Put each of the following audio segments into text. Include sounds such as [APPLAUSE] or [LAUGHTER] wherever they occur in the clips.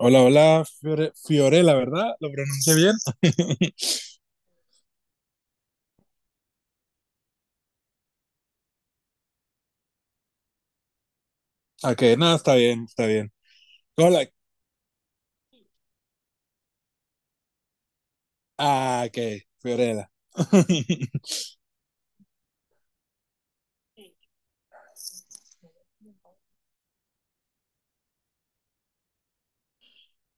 Hola, hola, Fiorella, ¿verdad? ¿Lo pronuncié bien? [LAUGHS] Ok, no, está bien, está bien. Hola, ah, ok, Fiorella. [LAUGHS]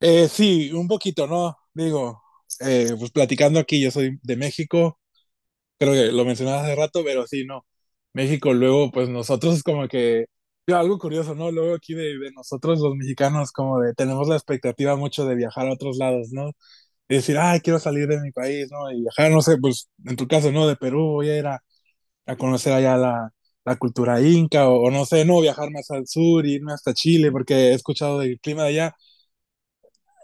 Sí, un poquito, ¿no? Digo, pues platicando aquí, yo soy de México, creo que lo mencionaba hace rato, pero sí, no. México, luego, pues nosotros como que, yo, algo curioso, ¿no? Luego aquí de, nosotros los mexicanos como de, tenemos la expectativa mucho de viajar a otros lados, ¿no? Y decir, ay, quiero salir de mi país, ¿no? Y viajar, no sé, pues en tu caso, ¿no? De Perú voy a ir a conocer allá la, la cultura inca o, no sé, no, viajar más al sur, irme hasta Chile porque he escuchado del clima de allá.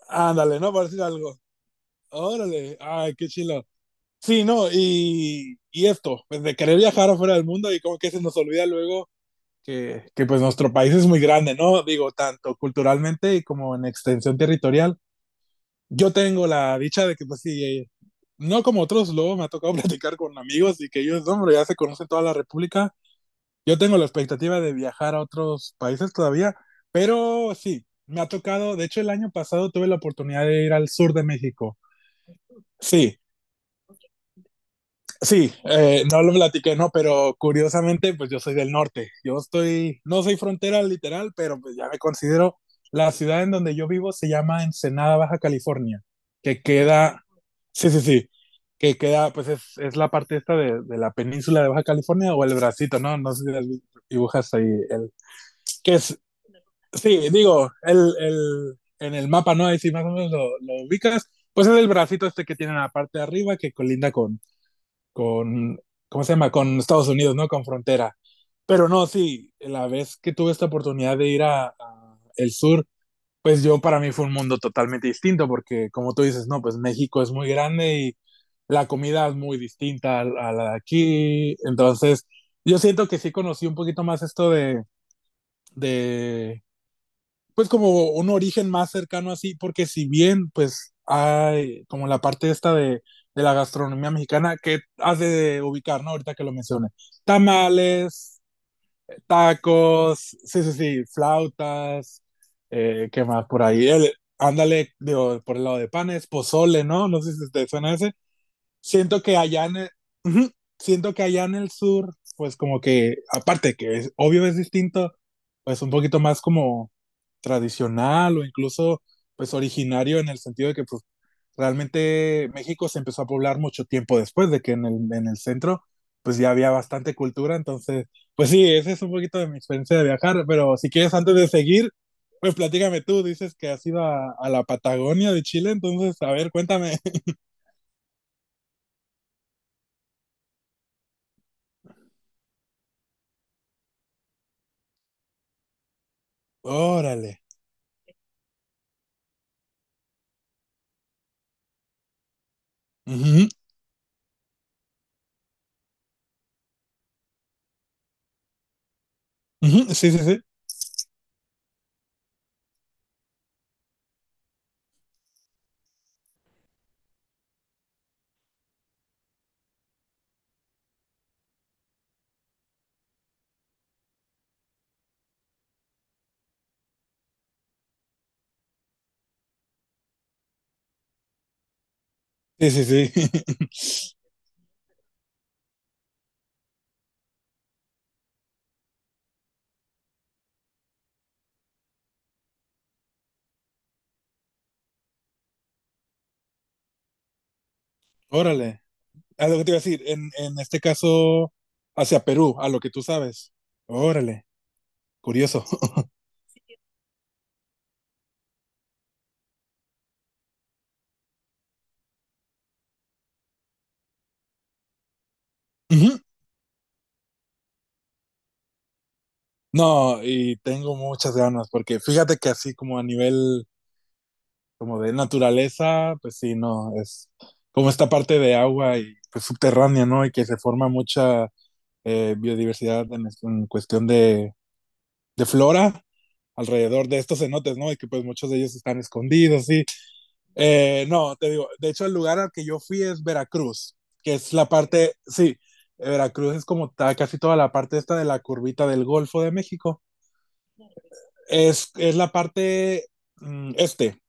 Ándale, no, por decir algo. Órale, ay, qué chilo. Sí, no, y esto, pues de querer viajar afuera del mundo y como que se nos olvida luego que pues nuestro país es muy grande, ¿no? Digo, tanto culturalmente y como en extensión territorial. Yo tengo la dicha de que pues sí, no como otros, luego me ha tocado [LAUGHS] platicar con amigos y que ellos, hombre, ya se conocen toda la República. Yo tengo la expectativa de viajar a otros países todavía, pero sí, me ha tocado, de hecho el año pasado tuve la oportunidad de ir al sur de México. Sí, sí, no lo platiqué, no, pero curiosamente, pues yo soy del norte. Yo estoy, no soy frontera literal, pero pues ya me considero, la ciudad en donde yo vivo se llama Ensenada, Baja California, que queda, sí, sí, sí, que queda, pues es, la parte esta de, la península de Baja California o el bracito, ¿no? No sé si las dibujas ahí, el, que es. Sí, digo, el, en el mapa, ¿no? Ahí sí más o menos lo ubicas. Pues es el bracito este que tiene en la parte de arriba que colinda con, con, ¿cómo se llama? Con Estados Unidos, ¿no? Con frontera. Pero no, sí, la vez que tuve esta oportunidad de ir a el sur, pues yo para mí fue un mundo totalmente distinto, porque como tú dices, no, pues México es muy grande y la comida es muy distinta a la de aquí. Entonces, yo siento que sí conocí un poquito más esto de, de pues como un origen más cercano así, porque si bien pues hay como la parte esta de, la gastronomía mexicana que hace de ubicar, ¿no? Ahorita que lo mencioné. Tamales, tacos, sí, sí, sí, flautas, ¿qué más por ahí? El, ándale, digo, por el lado de panes, pozole, ¿no? No sé si te suena ese. Siento que allá en el, uh -huh, siento que allá en el sur, pues como que, aparte que es, obvio es distinto, pues un poquito más como tradicional o incluso pues originario en el sentido de que pues, realmente México se empezó a poblar mucho tiempo después de que en el centro pues ya había bastante cultura, entonces pues sí, ese es un poquito de mi experiencia de viajar, pero si quieres antes de seguir, pues platícame tú, dices que has ido a la Patagonia de Chile, entonces a ver, cuéntame. [LAUGHS] Órale. Ujú, ujú. Sí, sí, sí. Sí, sí, sí. [LAUGHS] Órale. A lo que te iba a decir, en, este caso, hacia Perú, a lo que tú sabes. Órale. Curioso. [LAUGHS] Ujú. No, y tengo muchas ganas, porque fíjate que así como a nivel como de naturaleza, pues sí, no, es como esta parte de agua y pues subterránea, ¿no? Y que se forma mucha biodiversidad en cuestión de, flora alrededor de estos cenotes, ¿no? Y que pues muchos de ellos están escondidos, sí. No, te digo, de hecho el lugar al que yo fui es Veracruz, que es la parte, sí, Veracruz es como casi toda la parte esta de la curvita del Golfo de México. Es la parte este,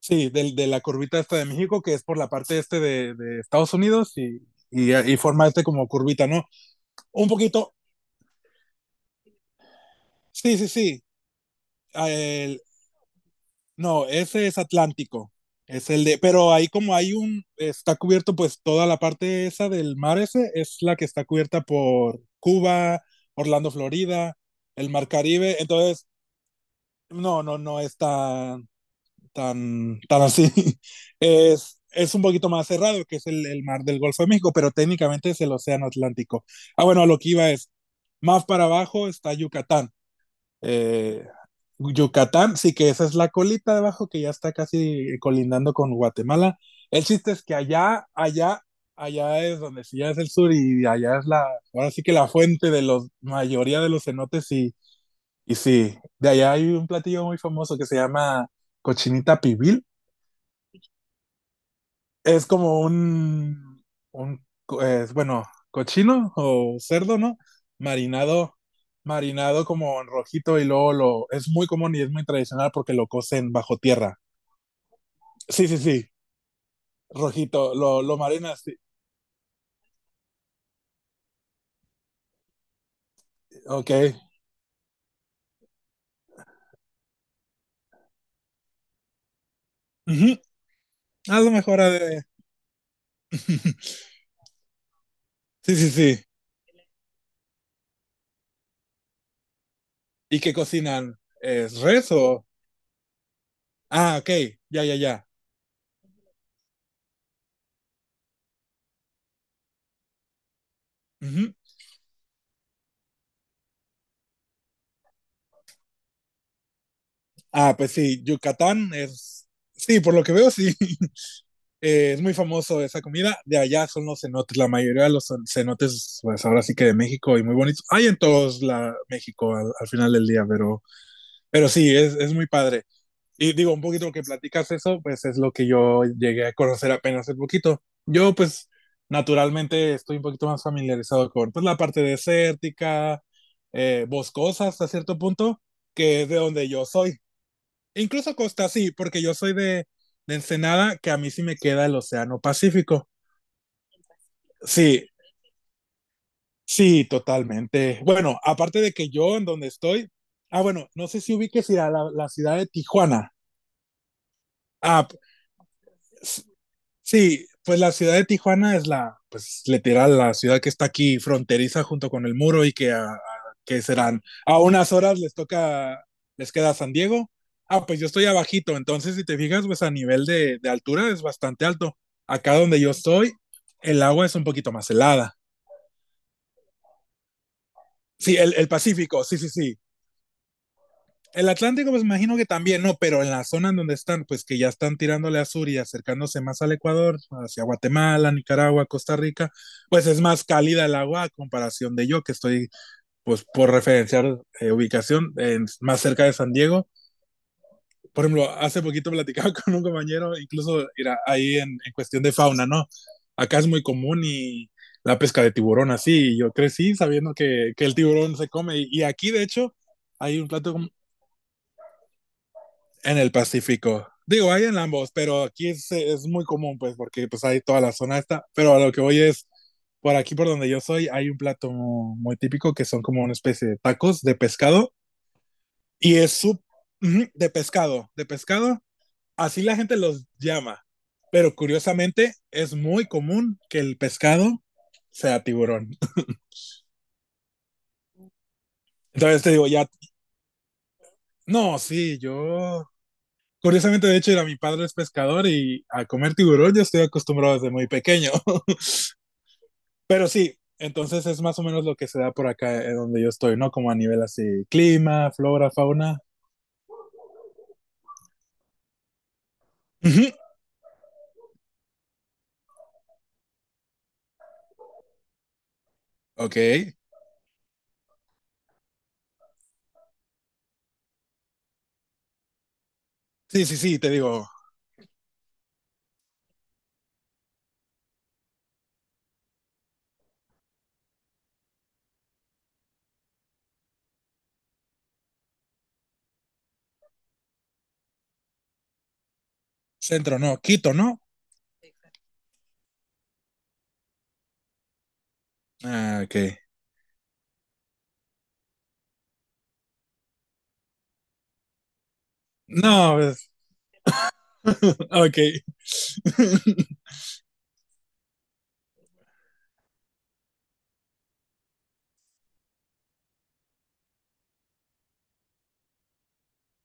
sí, de la curvita esta de México, que es por la parte este de, Estados Unidos y, forma este como curvita, ¿no? Un poquito, sí, sí, sí. El, no, ese es Atlántico. Es el de, pero ahí como hay un, está cubierto pues toda la parte esa del mar ese, es la que está cubierta por Cuba, Orlando, Florida, el mar Caribe, entonces, no está, tan así. [LAUGHS] Es un poquito más cerrado, que es el, mar del Golfo de México, pero técnicamente es el Océano Atlántico. Ah, bueno, a lo que iba es, más para abajo está Yucatán. Eh, Yucatán, sí, que esa es la colita de abajo que ya está casi colindando con Guatemala. El chiste es que allá es donde sí ya es el sur y allá es ahora sí que la fuente de la mayoría de los cenotes sí, de allá hay un platillo muy famoso que se llama cochinita pibil. Es como bueno, cochino o cerdo, ¿no? Marinado, marinado como en rojito y luego es muy común y es muy tradicional porque lo cocen bajo tierra. Sí, sí, sí, rojito, lo marinas, sí. Ok. Ujú. A lo mejor ha de. [LAUGHS] Sí, sí, sí. ¿Y qué cocinan? ¿Es res o? Ah, ok, ya, ya, ya. Ujú. Ah, pues sí, Yucatán es. Sí, por lo que veo, sí. Es muy famoso esa comida. De allá son los cenotes. La mayoría de los cenotes, pues ahora sí que de México y muy bonitos. Hay en todos la México al final del día, pero, sí, es muy padre. Y digo, un poquito lo que platicas eso, pues es lo que yo llegué a conocer apenas un poquito. Yo, pues, naturalmente estoy un poquito más familiarizado con pues, la parte desértica, boscosa hasta cierto punto, que es de donde yo soy. E incluso costa sí, porque yo soy de, Ensenada, que a mí sí me queda el Océano Pacífico. Sí, sí, totalmente. Bueno, aparte de que yo en donde estoy, ah, bueno, no sé si ubiques ir a la ciudad de Tijuana. Ah, s- sí, pues la ciudad de Tijuana es la, pues literal, la ciudad que está aquí fronteriza junto con el muro y que, que serán a unas horas les toca, les queda San Diego. Ah, pues yo estoy abajito, entonces si te fijas, pues a nivel de, altura es bastante alto. Acá donde yo estoy, el agua es un poquito más helada. Sí, el Pacífico, sí, sí, sí. El Atlántico, pues imagino que también, no, pero en la zona en donde están, pues que ya están tirándole a sur y acercándose más al Ecuador, hacia Guatemala, Nicaragua, Costa Rica, pues es más cálida el agua a comparación de yo, que estoy, pues por referenciar ubicación, más cerca de San Diego. Por ejemplo, hace poquito platicaba [LAUGHS] con un compañero, incluso era ahí en, cuestión de fauna, ¿no? Acá es muy común y la pesca de tiburón así, y yo crecí sabiendo que el tiburón se come, aquí de hecho hay un plato en el Pacífico. Digo, hay en ambos, pero aquí es, muy común, pues, porque pues hay toda la zona esta. Pero a lo que voy es, por aquí por donde yo soy, hay un plato muy típico que son como una especie de tacos de pescado. Y es su... Ujú. De pescado, de pescado. Así la gente los llama. Pero curiosamente, es muy común que el pescado sea tiburón. [LAUGHS] Entonces te digo, ya. No, sí, yo curiosamente, de hecho, era mi padre es pescador y a comer tiburón yo estoy acostumbrado desde muy pequeño. [LAUGHS] Pero sí, entonces es más o menos lo que se da por acá donde yo estoy, ¿no? Como a nivel así, clima, flora, fauna. Ujú. Ok. Sí, sí, sí, te digo, centro, no, Quito, ¿no? Ah, ok. No, pues, [LAUGHS] ok. [LAUGHS]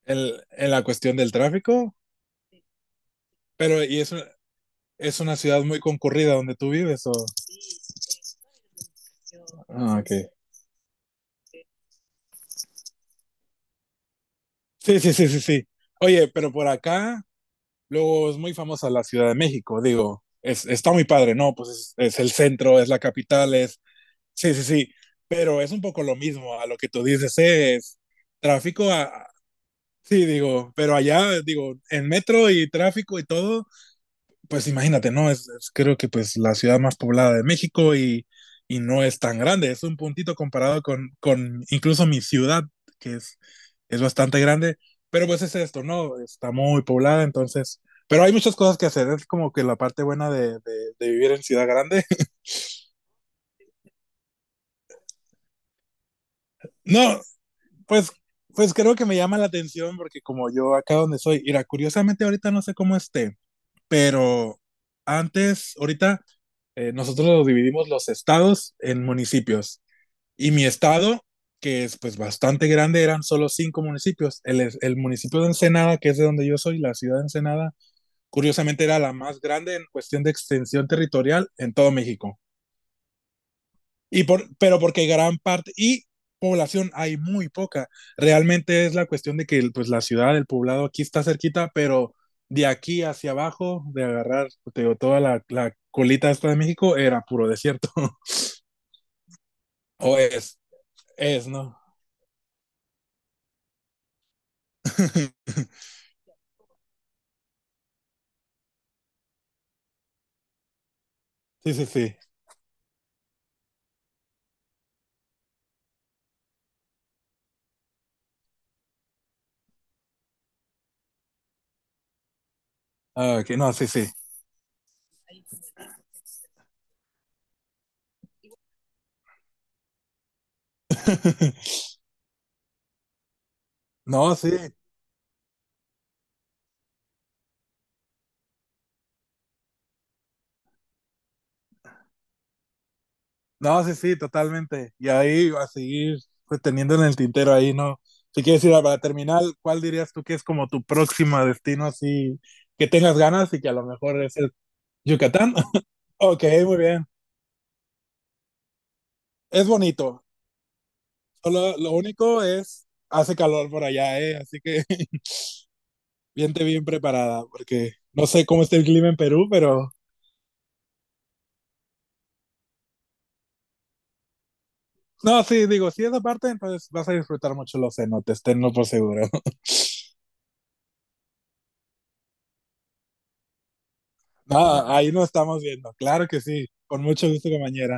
En la cuestión del tráfico, pero y es una ciudad muy concurrida donde tú vives, o. Ah, ok. Sí, sí, sí, sí, sí. Oye, pero por acá, luego es muy famosa la Ciudad de México, digo, está muy padre, ¿no? Pues es, el centro, es la capital, es. Sí, sí, sí, pero es un poco lo mismo a lo que tú dices, es tráfico, sí, digo, pero allá, digo, en metro y tráfico y todo, pues imagínate, ¿no? Creo que pues la ciudad más poblada de México no es tan grande, es un puntito comparado con, incluso mi ciudad, que es bastante grande, pero pues es esto, ¿no? Está muy poblada, entonces. Pero hay muchas cosas que hacer, es como que la parte buena de, vivir en ciudad grande. [LAUGHS] No, pues creo que me llama la atención porque como yo acá donde soy, mira, curiosamente ahorita no sé cómo esté, pero antes, ahorita nosotros lo dividimos los estados en municipios. Y mi estado, que es pues bastante grande, eran solo cinco municipios. El municipio de Ensenada, que es de donde yo soy, la ciudad de Ensenada, curiosamente era la más grande en cuestión de extensión territorial en todo México. Y pero porque gran parte, y población hay muy poca. Realmente es la cuestión de que pues la ciudad, el poblado aquí está cerquita, pero de aquí hacia abajo, de agarrar te digo, toda la colita esta de México, era puro desierto. [LAUGHS] O es, ¿no? [LAUGHS] Sí, sí, sí. Ah, ok, no, sí, sí. [LAUGHS] No, sí, no, sí, sí, totalmente. Y ahí a seguir pues, teniendo en el tintero ahí, ¿no? Si quieres ir para terminar, ¿cuál dirías tú que es como tu próximo destino así que tengas ganas y que a lo mejor es el Yucatán? [LAUGHS] Ok, muy bien. Es bonito. Solo lo único es hace calor por allá, ¿eh? Así que [LAUGHS] viente bien preparada porque no sé cómo está el clima en Perú, pero no, sí, digo, si esa parte, entonces vas a disfrutar mucho los cenotes, tenlo por seguro. No, ahí nos estamos viendo. Claro que sí. Con mucho gusto, compañera.